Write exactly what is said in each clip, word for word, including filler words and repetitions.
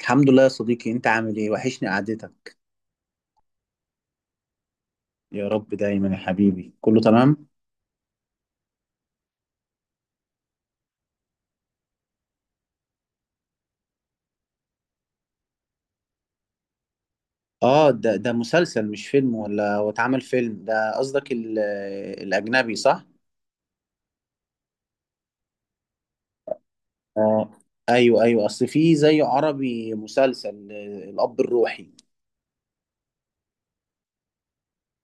الحمد لله يا صديقي، انت عامل ايه؟ وحشني قعدتك. يا رب دايما يا حبيبي، كله تمام. اه، ده ده مسلسل مش فيلم، ولا هو اتعمل فيلم؟ ده قصدك ال- الاجنبي، صح؟ اه، ايوه ايوه. اصل في زي عربي مسلسل، آه، الاب الروحي.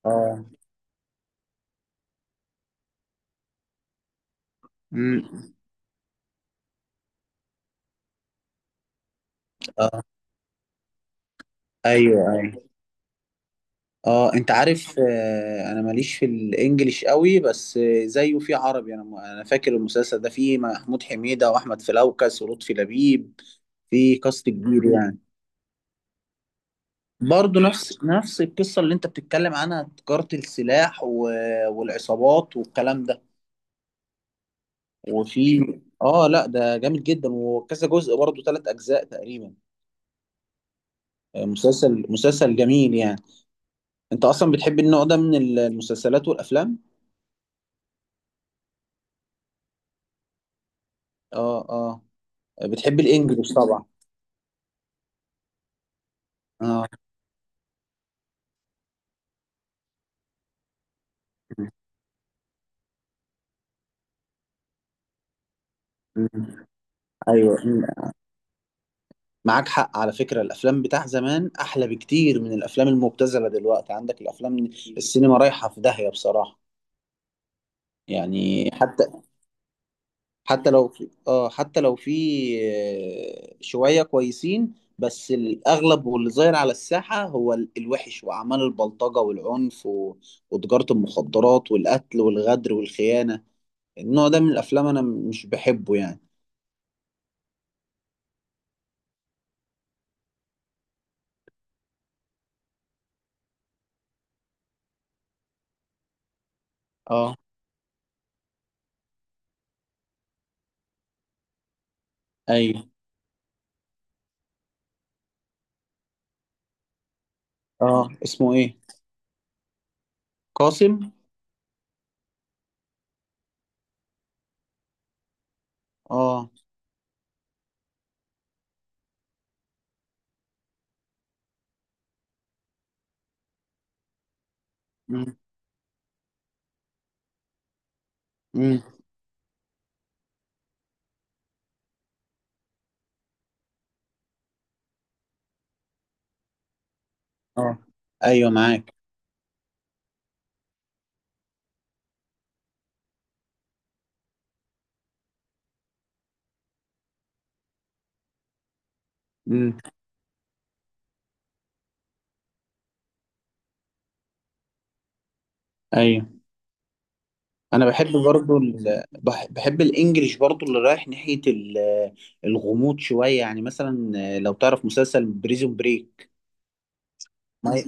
اه. امم. اه. ايوه ايوه. اه، انت عارف، آه، انا ماليش في الانجليش قوي، بس آه، زيه في عربي. انا انا فاكر المسلسل ده فيه محمود حميدة واحمد فلوكس ولطفي لبيب، في كاست كبير يعني. برضه نفس نفس القصة اللي انت بتتكلم عنها، تجارة السلاح و... والعصابات والكلام ده. وفي اه لا، ده جامد جدا، وكذا جزء برضه ثلاث اجزاء تقريبا. آه، مسلسل مسلسل جميل يعني. انت اصلا بتحب النوع ده من المسلسلات والافلام؟ اه اه. بتحب الانجليش طبعا؟ اه م- م- ايوه م- معاك حق، على فكرة الافلام بتاع زمان احلى بكتير من الافلام المبتذلة دلوقتي. عندك الافلام، السينما رايحة في داهية بصراحة يعني. حتى لو في اه حتى لو في آه، شوية كويسين، بس الأغلب واللي ظاهر على الساحة هو ال- الوحش وأعمال البلطجة والعنف و... وتجارة المخدرات والقتل والغدر والخيانة. النوع ده من الأفلام أنا مش بحبه يعني. اه. أيوه. اه، اسمه إيه؟ قاسم؟ اه. امم امم. اه. أيوه، معاك. امم. أيوه. انا بحب برضو ال... بح- بحب الانجليش برضو، اللي رايح ناحية ال- الغموض شوية يعني. مثلا لو تعرف مسلسل بريزون بريك، ماي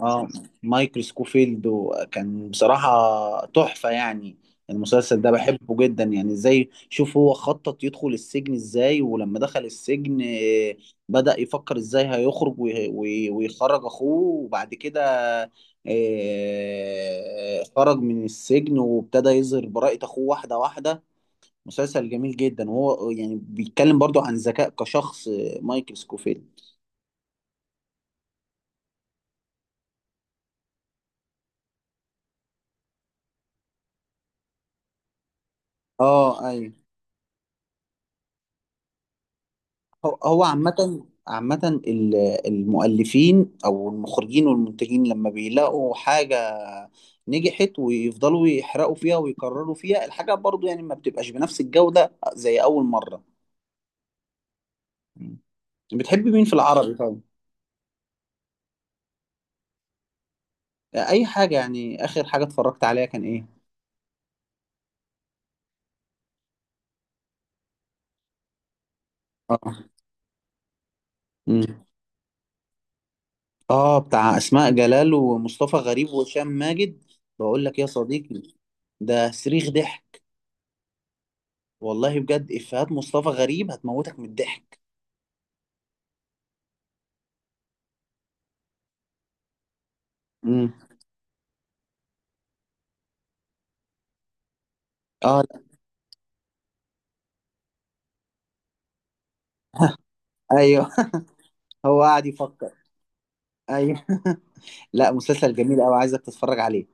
اه مايكل سكوفيلد، وكان بصراحة تحفة يعني. المسلسل ده بحبه جدا يعني، ازاي شوف هو خطط يدخل السجن ازاي، ولما دخل السجن آه، بدأ يفكر ازاي هيخرج وي- وي- ويخرج اخوه. وبعد كده آه، خرج من السجن، وابتدى يظهر براءة اخوه واحدة واحدة. مسلسل جميل جدا، وهو يعني بيتكلم برضو عن ذكاء كشخص، آه، مايكل سكوفيلد. اه، ايوه. هو هو عامة عامة ال- المؤلفين أو المخرجين والمنتجين لما بيلاقوا حاجة نجحت ويفضلوا يحرقوا فيها ويكرروا فيها الحاجة، برضو يعني ما بتبقاش بنفس الجودة زي أول مرة. مم. بتحب مين في العربي طيب؟ أي حاجة يعني، آخر حاجة اتفرجت عليها كان إيه؟ اه. مم. آه، بتاع أسماء جلال ومصطفى غريب وهشام ماجد. بقول لك يا صديقي، ده صريخ ضحك. والله بجد إفيهات مصطفى غريب هتموتك من الضحك. اه. لأ، ايوه هو قاعد يفكر. ايوه. لا، مسلسل جميل قوي، عايزك تتفرج عليه.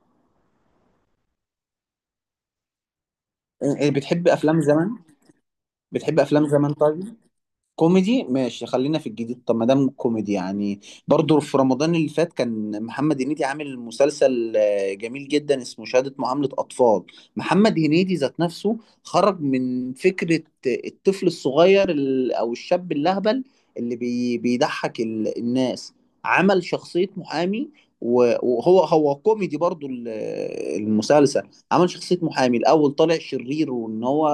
إيه، بتحب افلام زمان؟ بتحب افلام زمان طيب. كوميدي ماشي، خلينا في الجديد. طب ما دام كوميدي يعني، برضو في رمضان اللي فات كان محمد هنيدي عامل مسلسل آه، جميل جدا، اسمه شهادة معاملة أطفال. محمد هنيدي ذات نفسه خرج من فكرة الطفل الصغير ال- أو الشاب اللهبل اللي بي بيضحك ال- الناس. عمل شخصية محامي، و- وهو هو كوميدي برضو ال- المسلسل. عمل شخصية محامي الأول، طالع شرير وإن هو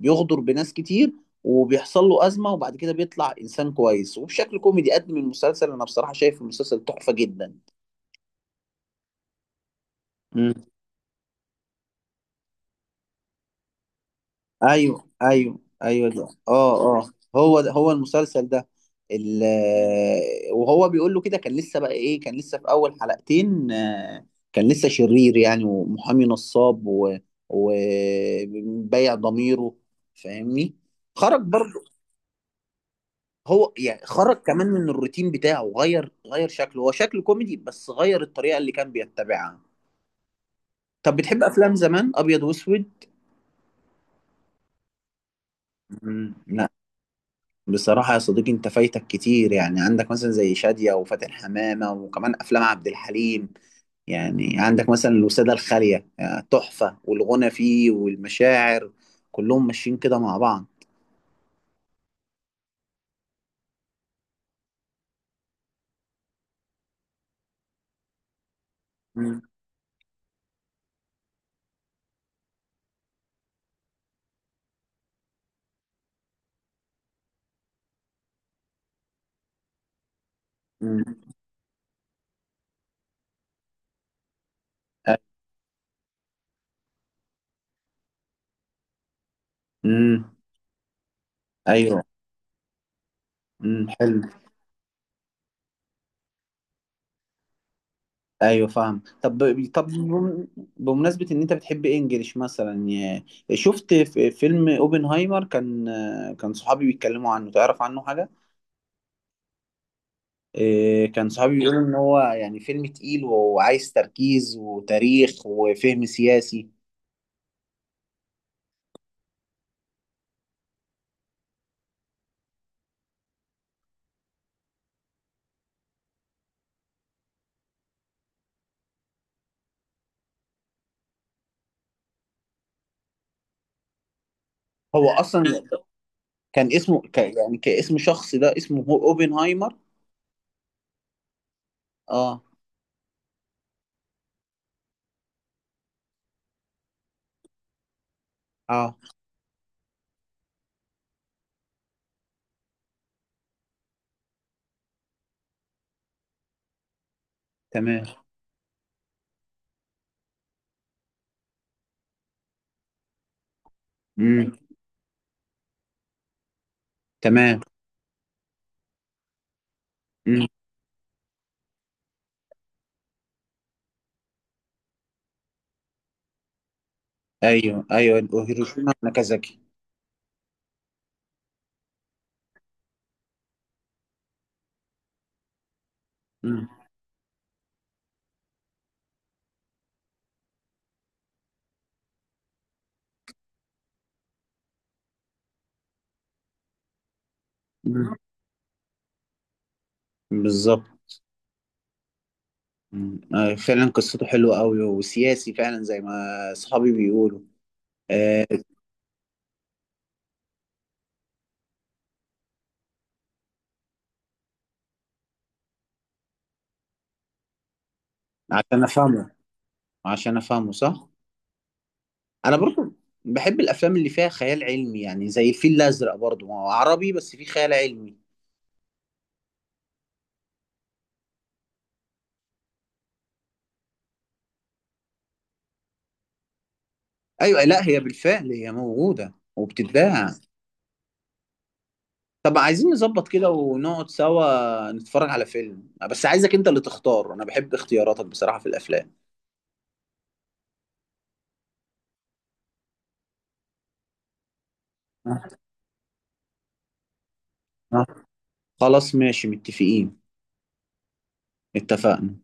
بيغدر بناس كتير، وبيحصل له أزمة، وبعد كده بيطلع إنسان كويس. وبشكل كوميدي قدم المسلسل، أنا بصراحة شايف المسلسل تحفة جدا. مم. أيوه أيوه أيوه. ده أه أه. هو ده هو المسلسل ده. ال- آه، وهو بيقول له كده، كان لسه بقى إيه، كان لسه في أول حلقتين، آه، كان لسه شرير يعني، ومحامي نصاب و- وبيع ضميره، فاهمني؟ خرج برضه، هو يعني خرج كمان من الروتين بتاعه، غير غير شكله. هو شكله كوميدي بس غير الطريقة اللي كان بيتبعها. طب بتحب أفلام زمان أبيض وأسود؟ مم، لا. بصراحة يا صديقي أنت فايتك كتير يعني، عندك مثلا زي شادية وفاتن حمامة، وكمان أفلام عبد الحليم. يعني عندك مثلا الوسادة الخالية يعني تحفة، والغنى فيه، والمشاعر، كلهم ماشيين كده مع بعض. مم. مم. أ- مم. أيوه. مم. حلو. ايوه فاهم. طب طب بم- بمناسبه ان انت بتحب انجليش مثلا، يا- شفت في فيلم اوبنهايمر. كان كان صحابي بيتكلموا عنه، تعرف عنه حاجه؟ إيه، كان صحابي بيقولوا ان هو يعني فيلم تقيل، وعايز تركيز وتاريخ وفهم سياسي. هو اصلا كان اسمه ك يعني كاسم شخص، ده اسمه هو اوبنهايمر؟ اه اه. تمام. امم. تمام. امم. ايوه ايوه، هيروشيما ناكازاكي. امم. أمم، بالظبط. مم. آه، فعلا قصته حلوة قوي، وسياسي فعلا زي ما صحابي بيقولوا. آه، عشان افهمه، عشان افهمه صح. انا برضو بحب الافلام اللي فيها خيال علمي يعني، زي الفيل الازرق. برضو ما هو عربي بس فيه خيال علمي. ايوه، لا، هي بالفعل هي موجودة وبتتباع. طب عايزين نظبط كده ونقعد سوا نتفرج على فيلم، بس عايزك انت اللي تختار، انا بحب اختياراتك بصراحة في الافلام. آه. آه. خلاص ماشي، متفقين. اتفقنا.